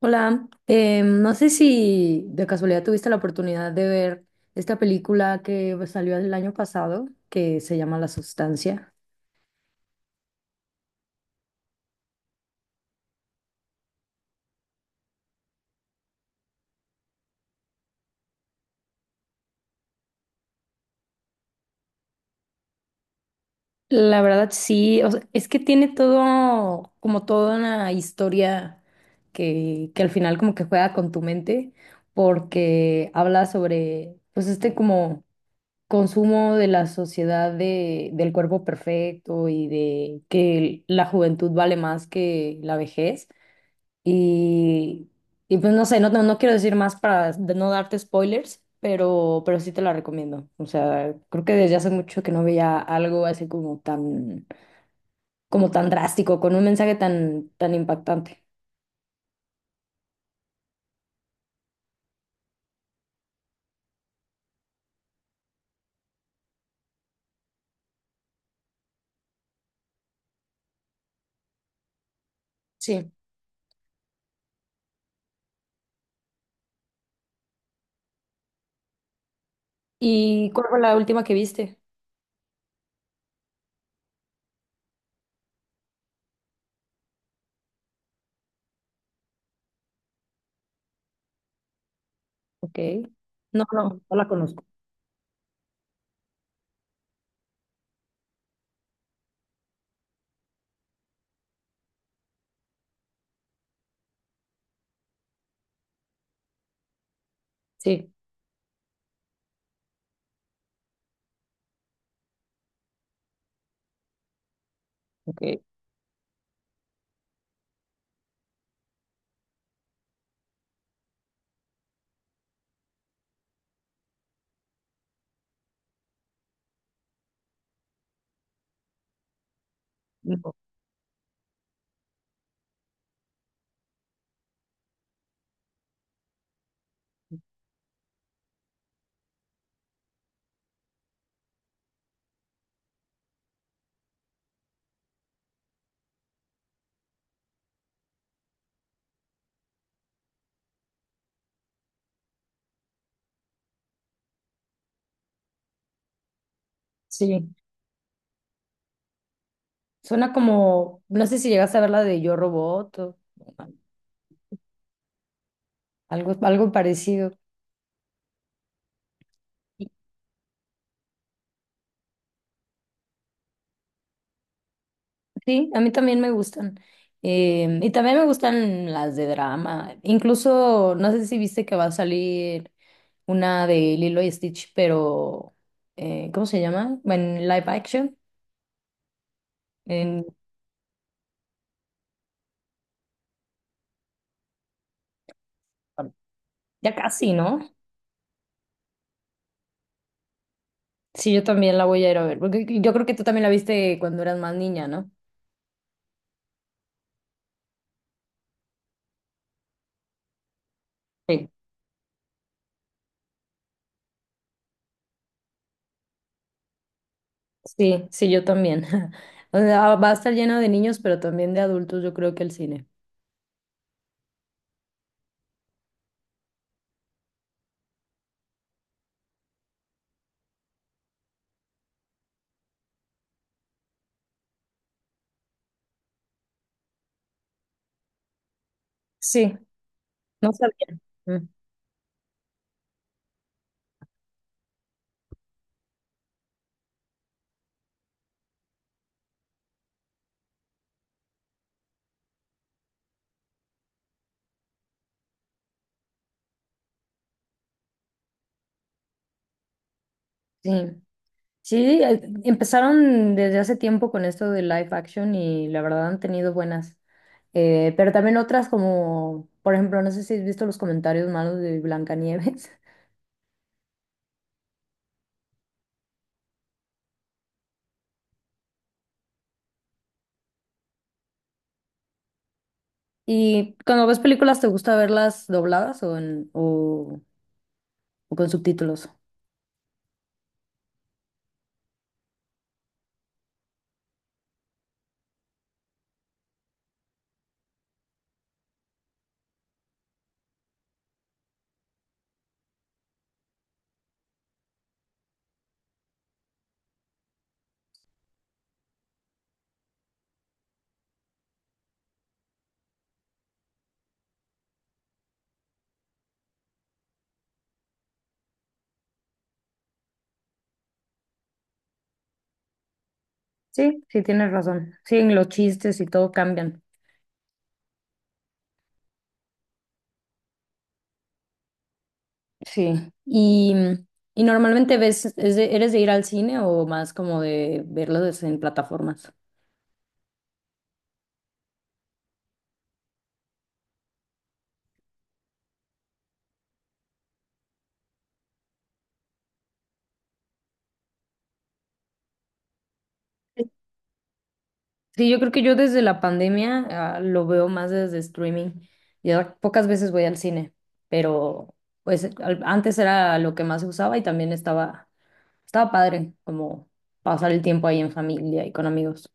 Hola, no sé si de casualidad tuviste la oportunidad de ver esta película que salió el año pasado, que se llama La Sustancia. La verdad sí, o sea, es que tiene todo, como toda una historia que al final como que juega con tu mente, porque habla sobre pues este como consumo de la sociedad del cuerpo perfecto y de que la juventud vale más que la vejez. Y, y pues no sé, no quiero decir más para de no darte spoilers, pero sí te la recomiendo. O sea, creo que desde hace mucho que no veía algo así como como tan drástico, con un mensaje tan impactante. Sí. ¿Y cuál fue la última que viste? Ok. No la conozco. Sí, ok. No, sí. Suena como, no sé si llegaste a ver la de Yo Robot o algo parecido. Sí, a mí también me gustan. Y también me gustan las de drama. Incluso, no sé si viste que va a salir una de Lilo y Stitch, pero ¿cómo se llama? Bueno, en live action. En, ya casi, ¿no? Sí, yo también la voy a ir a ver, porque yo creo que tú también la viste cuando eras más niña, ¿no? Sí. Sí, sí, yo también. O sea, va a estar lleno de niños, pero también de adultos, yo creo que el cine. Sí, no sabía. Mm, sí. Sí, empezaron desde hace tiempo con esto de live action y la verdad han tenido buenas. Pero también otras como, por ejemplo, no sé si has visto los comentarios malos de Blancanieves. Y cuando ves películas, ¿te gusta verlas dobladas o con subtítulos? Sí, sí, tienes razón. Sí, los chistes y todo cambian. Sí. Y, y normalmente ves, ¿eres de ir al cine o más como de verlos en plataformas? Sí, yo creo que yo desde la pandemia, lo veo más desde streaming. Ya pocas veces voy al cine, pero pues antes era lo que más se usaba y también estaba padre como pasar el tiempo ahí en familia y con amigos.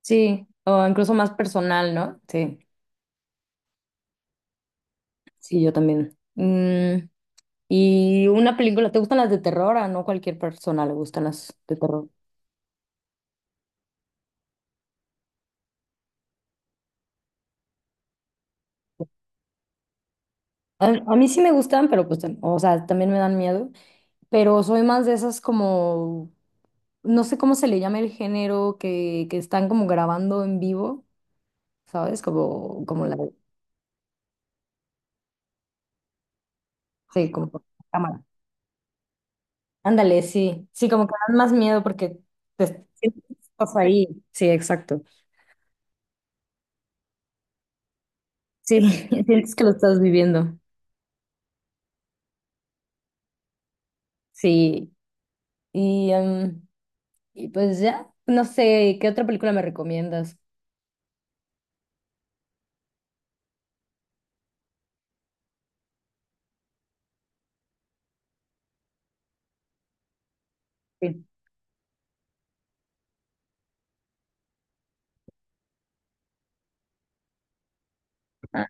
Sí, o incluso más personal, ¿no? Sí, sí, yo también. Mm, y una película, ¿te gustan las de terror? A no cualquier persona le gustan las de terror. A mí sí me gustan, pero pues, o sea, también me dan miedo, pero soy más de esas como no sé cómo se le llama el género que están como grabando en vivo, ¿sabes? Como la, sí, como por cámara. Ándale, sí, sí, como que dan más miedo porque te sientes que estás ahí. Sí, exacto. Sí, sientes que lo estás viviendo. Sí, y, em, y pues ya, no sé, ¿qué otra película me recomiendas? Sí, ah,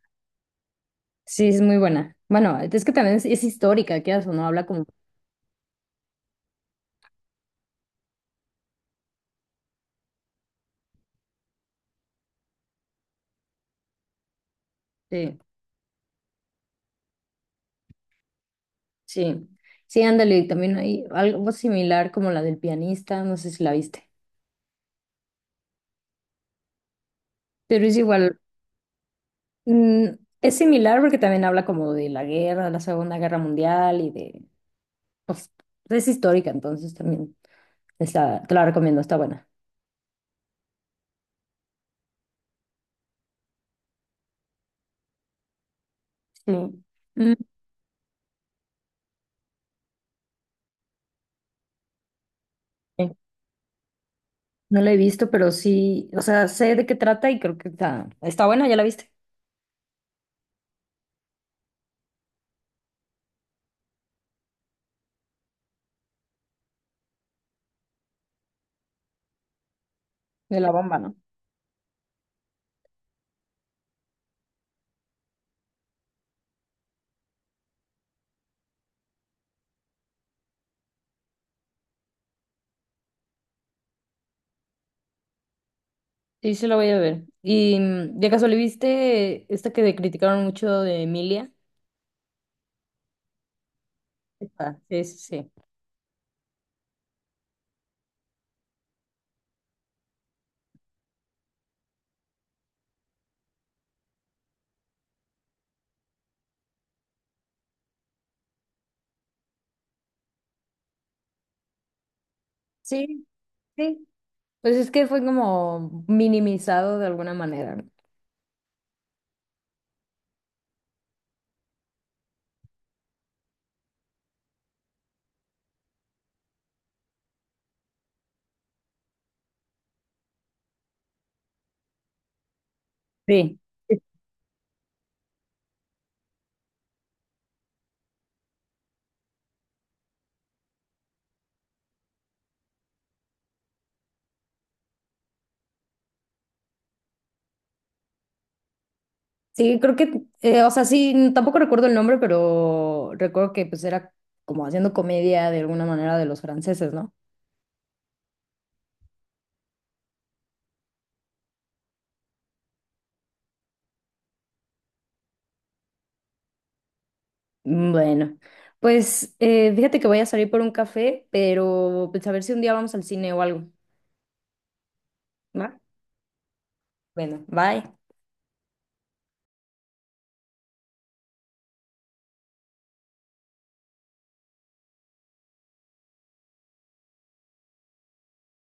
sí, es muy buena. Bueno, es que también es histórica, quieras o no, habla como sí. Sí, sí, ándale, también hay algo similar como la del pianista, no sé si la viste, pero es igual, mm, es similar porque también habla como de la guerra, la Segunda Guerra Mundial y de, pues, es histórica, entonces también está, te la recomiendo, está buena. Sí. Mm, sí. No la he visto, pero sí, o sea, sé de qué trata y creo que está buena, ya la viste, de la bomba, ¿no? Sí, sí la voy a ver. Y mm, de casualidad, ¿viste esta que criticaron mucho de Emilia? Esta, sí, sí, sí. Sí, sí, pues es que fue como minimizado de alguna manera. Sí. Sí, creo que, o sea, sí, tampoco recuerdo el nombre, pero recuerdo que pues era como haciendo comedia de alguna manera de los franceses, ¿no? Mm, bueno, pues fíjate que voy a salir por un café, pero pues a ver si un día vamos al cine o algo, ¿va? Bueno, bye.